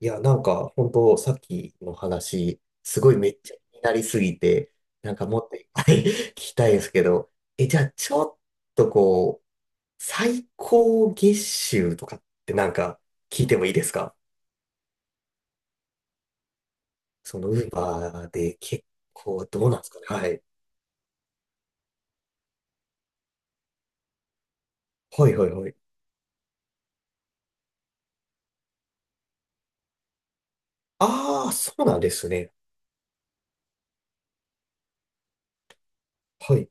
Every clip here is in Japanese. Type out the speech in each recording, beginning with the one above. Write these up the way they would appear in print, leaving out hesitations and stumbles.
いや、なんか、本当さっきの話、すごいめっちゃ気になりすぎて、なんかもっといっぱい 聞きたいですけど、じゃあ、ちょっとこう、最高月収とかってなんか、聞いてもいいですか？その、ウーバーで結構、どうなんですかね。はい。はいはいはい。ああ、そうなんですね。はい。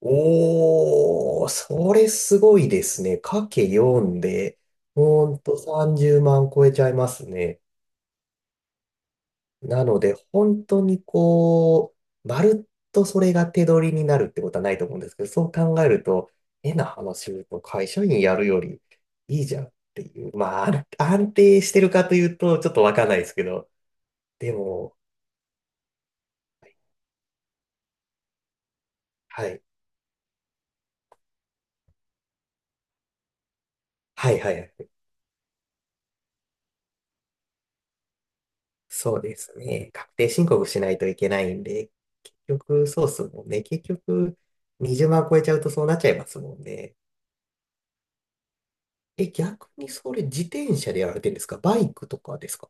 おー、それすごいですね。かけ4で、ほんと30万超えちゃいますね。なので、本当にこう、まるっとそれが手取りになるってことはないと思うんですけど、そう考えると、変な話を言うと会社員やるよりいいじゃんっていう、まあ、安定してるかというと、ちょっとわかんないですけど、でも、はい。はいはいはい。そうですね。確定申告しないといけないんで、結局、そうっすもんね。結局、20万超えちゃうとそうなっちゃいますもんね。え、逆にそれ自転車でやられてるんですか？バイクとかですか？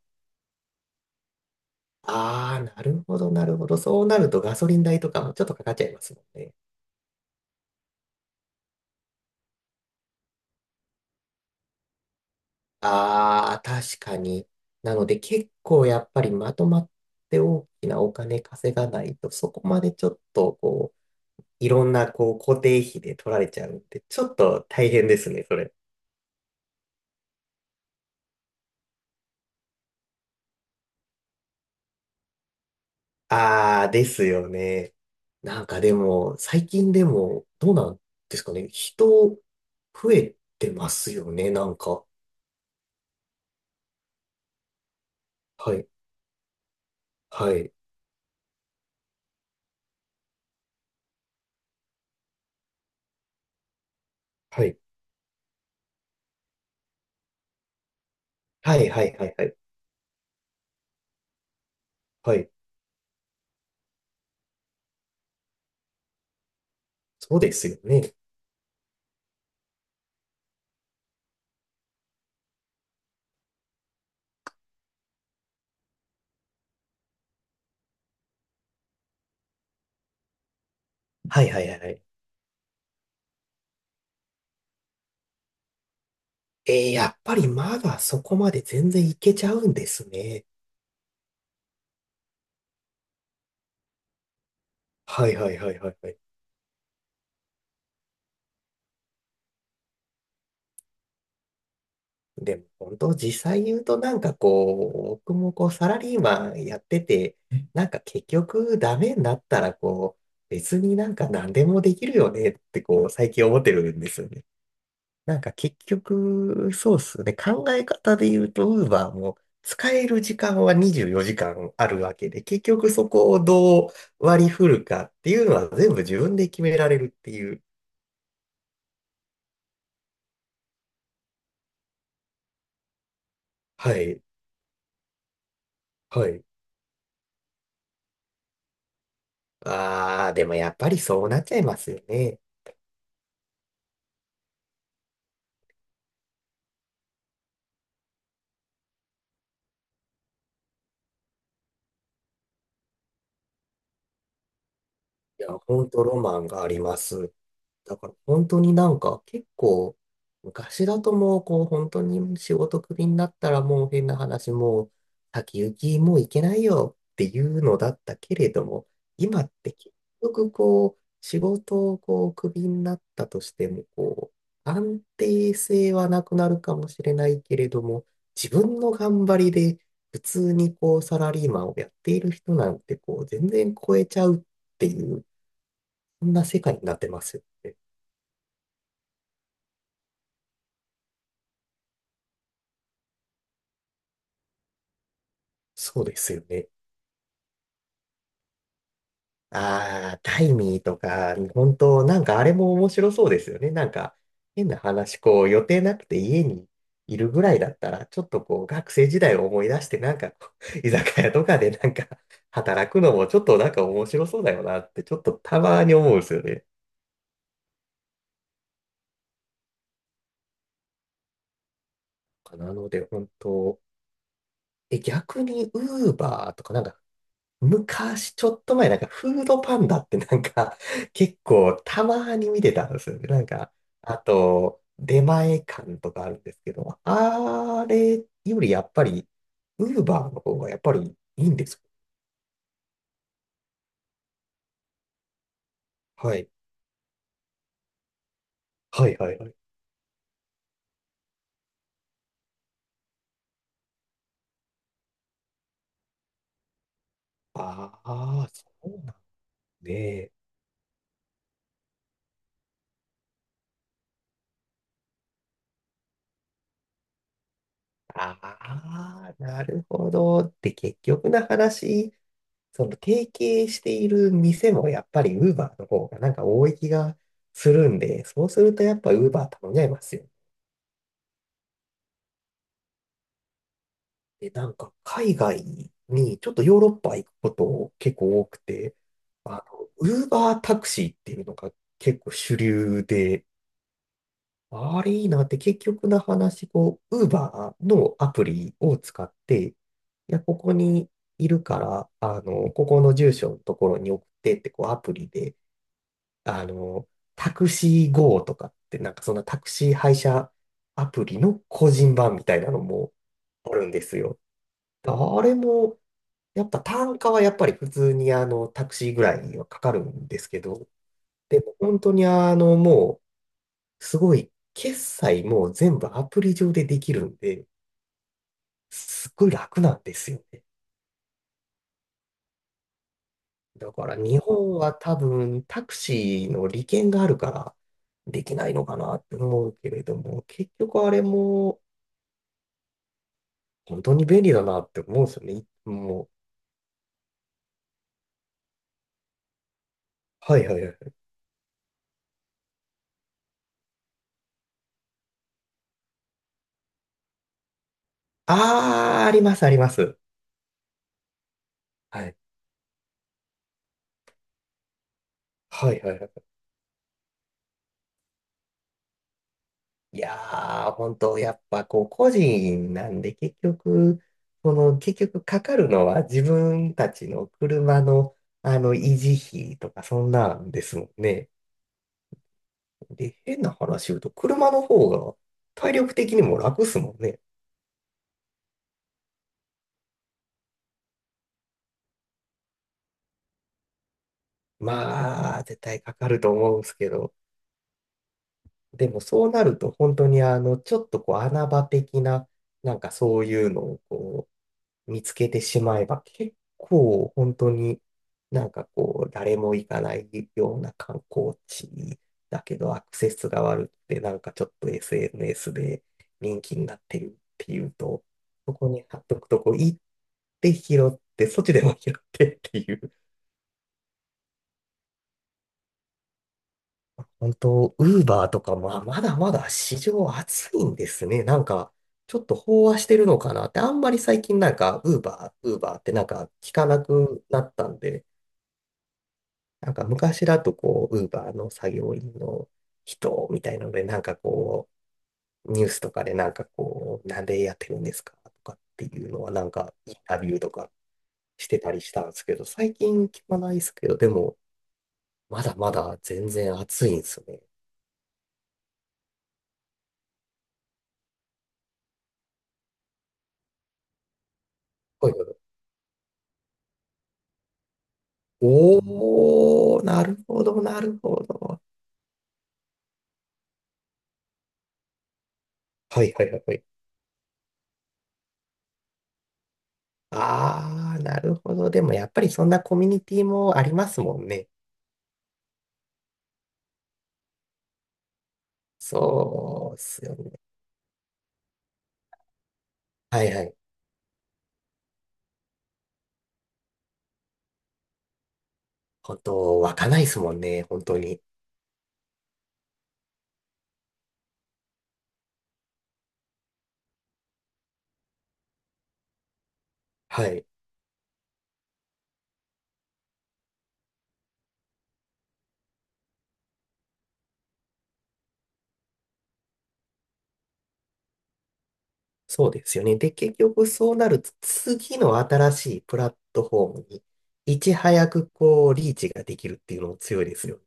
ああ、なるほど、なるほど。そうなるとガソリン代とかもちょっとかかっちゃいますもんね。ああ、確かに。なので結構やっぱりまとまって大きなお金稼がないと、そこまでちょっとこう、いろんなこう固定費で取られちゃうんで、ちょっと大変ですね、それ。ああ、ですよね。なんかでも、最近でも、どうなんですかね。人、増えてますよね、なんか。はい、はい、はい。はい、はい、はい、はい。はい、そうですよね。はいはいはいはい。えー、やっぱりまだそこまで全然いけちゃうんですね。はいはいはいはいはい。でも本当実際言うとなんかこう、僕もこうサラリーマンやってて、なんか結局ダメになったらこう、別になんか何でもできるよねってこう最近思ってるんですよね。なんか結局、そうっすね。考え方で言うと、ウーバーも使える時間は24時間あるわけで、結局そこをどう割り振るかっていうのは全部自分で決められるっていう。はい。はい。あー、でもやっぱりそうなっちゃいますよね。いや、本当ロマンがあります。だから本当になんか結構昔だと、もうこう本当に仕事クビになったらもう、変な話、もう先行きもういけないよっていうのだったけれども、今って結局こう仕事をこうクビになったとしても、こう安定性はなくなるかもしれないけれども、自分の頑張りで普通にこうサラリーマンをやっている人なんてこう全然超えちゃうっていう、こんな世界になってますよね。そうですよね。ああ、タイミーとか、本当なんかあれも面白そうですよね。なんか、変な話、こう、予定なくて家にいるぐらいだったら、ちょっとこう、学生時代を思い出して、なんかこう、居酒屋とかでなんか、働くのもちょっとなんか面白そうだよなって、ちょっとたまに思うんですよね。なので、本当、逆に、ウーバーとか、なんか昔、ちょっと前、なんか、フードパンダってなんか、結構、たまに見てたんですよね。なんか、あと、出前館とかあるんですけど、あれよりやっぱり、ウーバーの方がやっぱりいいんですか？はい。はいはいはい。ああ、そうなんで。ああ、なるほど。って結局の話、その提携している店もやっぱり Uber の方がなんか多い気がするんで、そうするとやっぱ Uber 頼んじゃいますよ。で、なんか海外にちょっとヨーロッパ行くこと結構多くて、あの、Uber タクシーっていうのが結構主流で、あれいいなって結局の話、こう、Uber のアプリを使って、いや、ここにいるから、あの、ここの住所のところに送ってって、こう、アプリで、あの、タクシー GO とかって、なんかそんなタクシー配車アプリの個人版みたいなのもあるんですよ。あれも、やっぱ単価はやっぱり普通にあの、タクシーぐらいはかかるんですけど、でも本当にあの、もう、すごい、決済も全部アプリ上でできるんで、すっごい楽なんですよね。だから日本は多分タクシーの利権があるからできないのかなって思うけれども、結局あれも本当に便利だなって思うんですよね。もう、はいはいはい。あー、ありますあります。はい。はいはいはい。いやー、本当やっぱこう、個人なんで、結局、この、結局かかるのは自分たちの車の、あの、維持費とか、そんなんですもんね。で、変な話言うと、車の方が体力的にも楽っすもんね。まあ、絶対かかると思うんですけど、でもそうなると、本当にあの、ちょっとこう、穴場的な、なんかそういうのを、見つけてしまえば、結構本当になんかこう誰も行かないような観光地だけど、アクセスが悪くてなんかちょっと SNS で人気になってるっていうと、そこに貼っとくとこう行って拾って、そっちでも拾ってっていう。本当、ウーバーとかもあ、まだまだ市場熱いんですね、なんか。ちょっと飽和してるのかなって、あんまり最近なんか、ウーバー、ウーバーってなんか聞かなくなったんで、なんか昔だとこう、ウーバーの作業員の人みたいなので、なんかこう、ニュースとかでなんかこう、なんでやってるんですかとかっていうのはなんかインタビューとかしてたりしたんですけど、最近聞かないですけど、でも、まだまだ全然暑いんですよね。はいはいはい。おー、なるほど、なるほど。はいはいはいはい。あー、なるほど。でもやっぱりそんなコミュニティもありますもんね。そうっすよね。はいはい。本当、湧かないですもんね、本当に。はい。そうですよね。で、結局そうなると、次の新しいプラットフォームに、いち早くこう、リーチができるっていうのも強いですよ。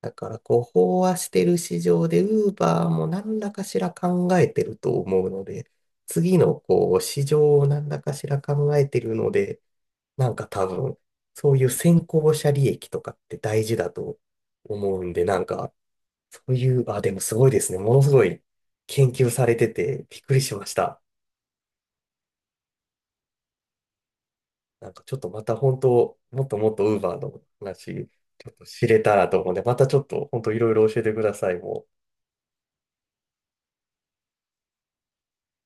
だから、こう、飽和してる市場で、ウーバーも何らかしら考えてると思うので、次のこう、市場を何らかしら考えてるので、なんか多分、そういう先行者利益とかって大事だと思うんで、なんか、そういう、あ、でもすごいですね。ものすごい研究されててびっくりしました。なんかちょっとまた本当、もっともっと Uber の話、ちょっと知れたらと思うんで、またちょっと本当いろいろ教えてください。もう。